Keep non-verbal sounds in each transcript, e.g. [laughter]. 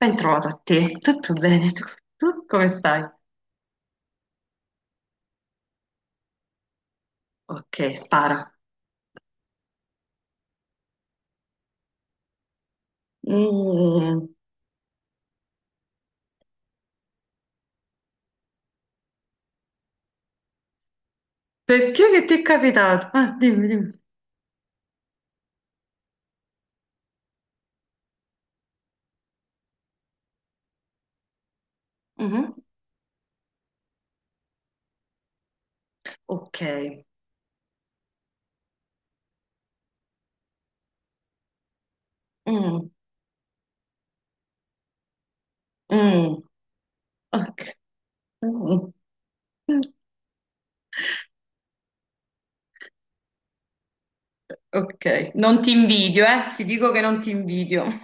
Ben trovata a te, tutto bene? Tu come stai? Ok, spara. Mm, Perché che ti è capitato? Dimmi. Mhm. Ok. Mm, mm, Ok. Mm, mm. Ok, non ti invidio, eh? Ti dico che non ti invidio. [laughs]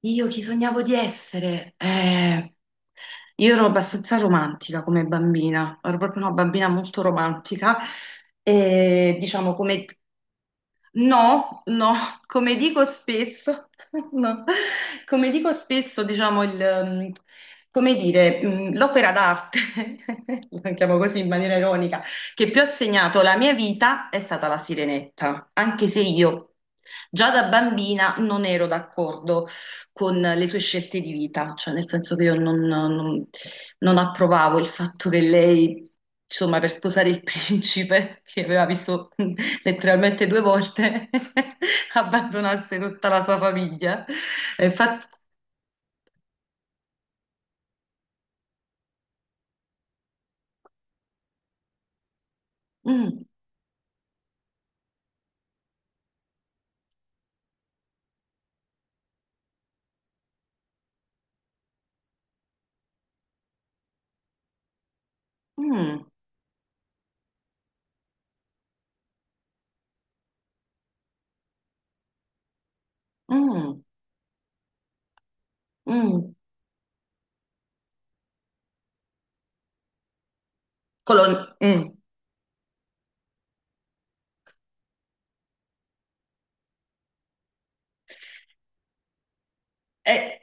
Io chi sognavo di essere? Io ero abbastanza romantica come bambina, ero proprio una bambina molto romantica e diciamo No, no, come dico spesso, [laughs] no. Come dico spesso, diciamo, come dire, l'opera d'arte, [laughs] la chiamo così in maniera ironica, che più ha segnato la mia vita è stata La Sirenetta, anche se io già da bambina non ero d'accordo con le sue scelte di vita, cioè nel senso che io non, non- non approvavo il fatto che lei, insomma, per sposare il [laughs] principe, che aveva visto [laughs] letteralmente due volte, [laughs] abbandonasse tutta la sua famiglia. E infatti. mm, mm, mm, mm, colon- mm, eh,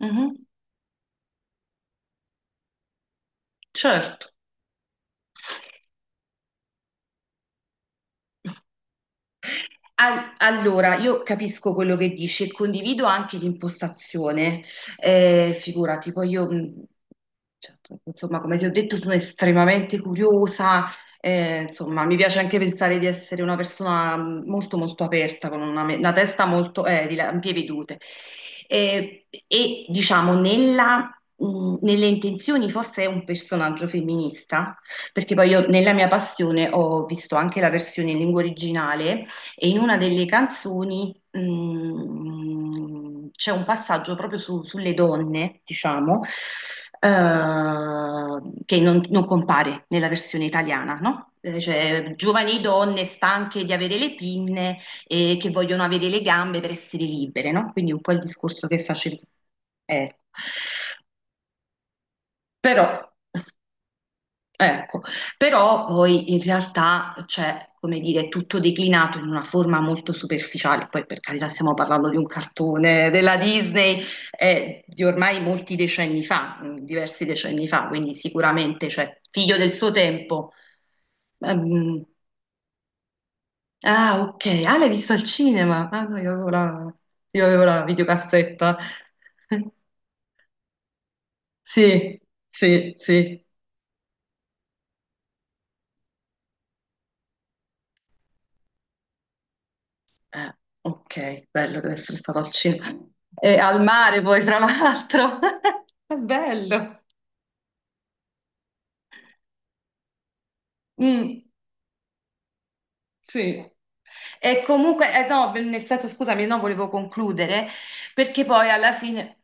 mhm, certo. Allora, io capisco quello che dici e condivido anche l'impostazione. Figurati, cioè, insomma, come ti ho detto, sono estremamente curiosa. Eh, insomma, mi piace anche pensare di essere una persona molto, molto aperta, con una testa molto di ampie vedute. Eh, e diciamo, nella, Nelle intenzioni, forse è un personaggio femminista, perché poi io, nella mia passione, ho visto anche la versione in lingua originale e in una delle canzoni mm, c'è un passaggio sulle donne, diciamo, eh, che non compare nella versione italiana, no? Cioè, giovani donne stanche di avere le pinne e che vogliono avere le gambe per essere libere, no? Quindi un po' il discorso che facevi. Ecco. Però ecco, però poi in realtà c'è, come dire, è tutto declinato in una forma molto superficiale, poi per carità stiamo parlando di un cartone della Disney di ormai molti decenni fa, diversi decenni fa, quindi sicuramente c'è figlio del suo tempo. Ehm, ah, ok, ah, l'hai visto al cinema? Ah, no, io avevo la videocassetta. [laughs] Sì, sì, sì. Eh, ok, bello deve essere stato al cinema. E al mare poi, tra l'altro. [laughs] È bello. Mm, sì. E comunque, no, nel senso, scusami, no, volevo concludere, perché poi alla fine...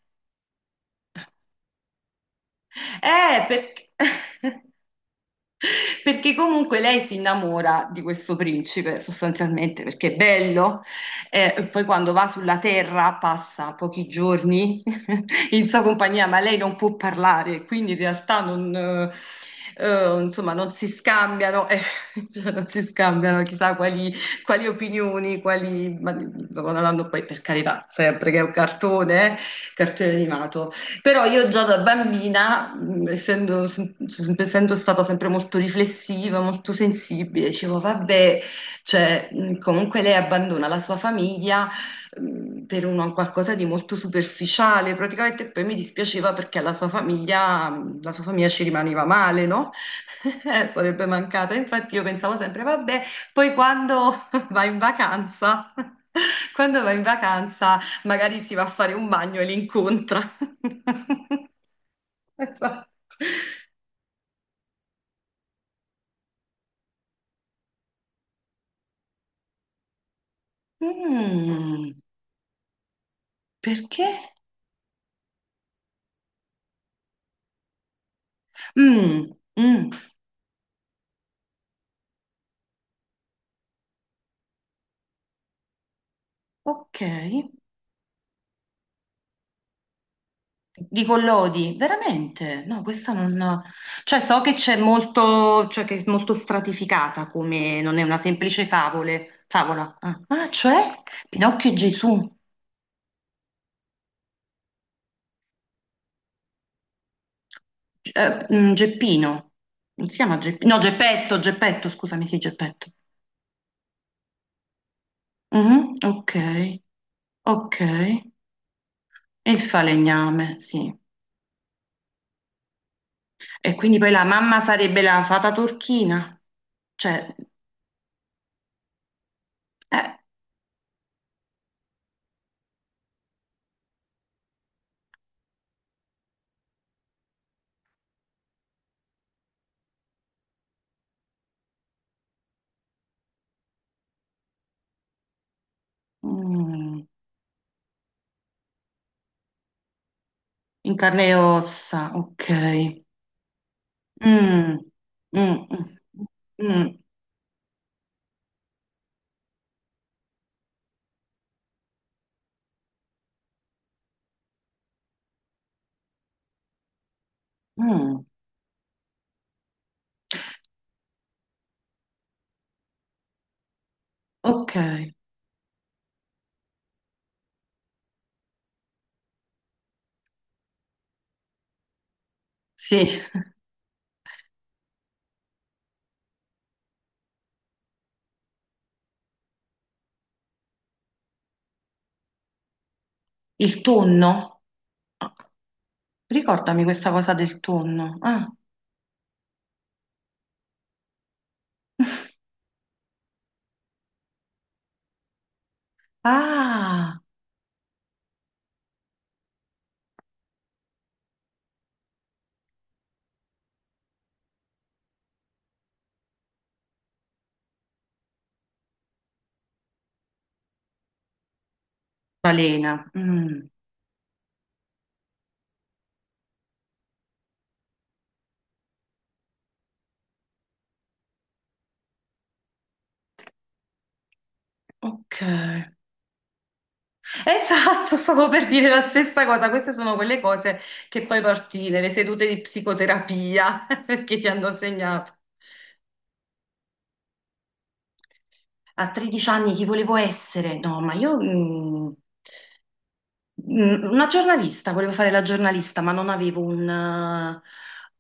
Perché... [laughs] perché comunque lei si innamora di questo principe sostanzialmente perché è bello, e poi quando va sulla terra passa pochi giorni [laughs] in sua compagnia, ma lei non può parlare, quindi in realtà non, insomma, non si scambiano, [laughs] cioè non si scambiano chissà quali opinioni, quali, ma, insomma, non hanno poi per carità, sempre che è un cartone, cartone animato. Però io già da bambina, essendo, essendo stata sempre molto riflessiva, molto sensibile, dicevo, vabbè, cioè, comunque lei abbandona la sua famiglia, per qualcosa di molto superficiale, praticamente e poi mi dispiaceva perché alla sua famiglia, la sua famiglia ci rimaneva male, no? [laughs] Sarebbe mancata. Infatti io pensavo sempre, vabbè, poi quando [laughs] va in vacanza, [laughs] quando va in vacanza magari si va a fare un bagno e li incontra. [laughs] Esatto. Mm, perché? Mm, mm, ok. Di Collodi, veramente? No, questa non... no. Cioè, so che c'è molto, cioè che è molto stratificata come... non è una semplice favola. Ah, ah, cioè? Pinocchio e Gesù. Geppino. Non si chiama Geppino. No, Geppetto, scusami, sì, Geppetto. Mhm, ok. Ok, e il falegname, sì. E quindi poi la mamma sarebbe la fata turchina, cioè, eh, mm, in carne e ossa, ok. Mm, mm, mm, mm, mm, ok, sì, il tonno. Ricordami questa cosa del tonno. Ah, [laughs] ah, balena. Ok. Esatto, stavo per dire la stessa cosa. Queste sono quelle cose che poi porti nelle sedute di psicoterapia [laughs] perché ti hanno segnato. A 13 anni chi volevo essere? No, ma io. Una giornalista, volevo fare la giornalista, ma non avevo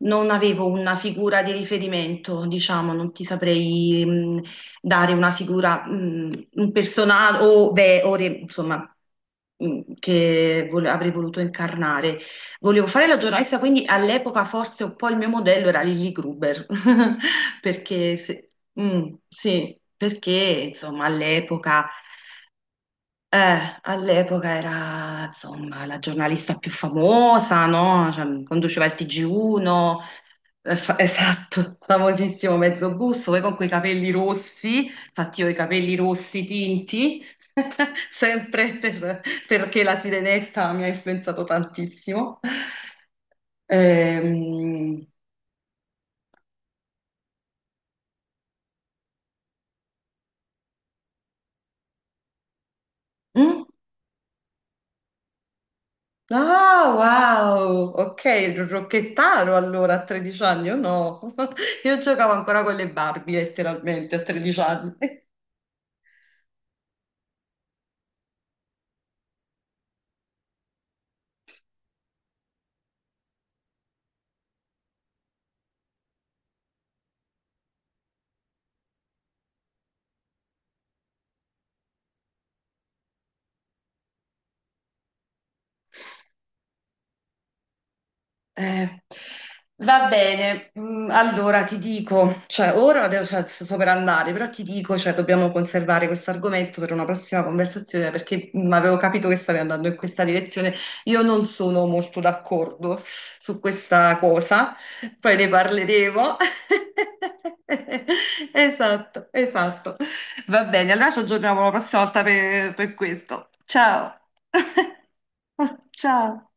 non avevo una figura di riferimento, diciamo, non ti saprei mm, dare una figura, mm, un personaggio o, beh, o re- insomma, mm, che avrei voluto incarnare. Volevo fare la giornalista, quindi all'epoca forse un po' il mio modello era Lily Gruber, [laughs] perché se- mm, sì, perché insomma all'epoca. All'epoca era, insomma, la giornalista più famosa, no? Cioè, conduceva il TG1, [laughs] esatto, famosissimo Mezzobusto, poi con quei capelli rossi, infatti io ho i capelli rossi tinti, [laughs] sempre per- perché la sirenetta mi ha influenzato tantissimo. Ehm, mm? Ah, wow! Ok, il rocchettaro allora a 13 anni, o no? [laughs] Io giocavo ancora con le Barbie letteralmente a 13 anni. Eh, va bene, mm, allora ti dico, cioè ora adesso cioè, sto per andare, però ti dico, cioè, dobbiamo conservare questo argomento per una prossima conversazione perché mm, avevo capito che stavi andando in questa direzione. Io non sono molto d'accordo su questa cosa, poi ne parleremo. [laughs] Esatto, esatto. Va bene, allora ci aggiorniamo la prossima volta per questo. Ciao. [laughs] Ciao.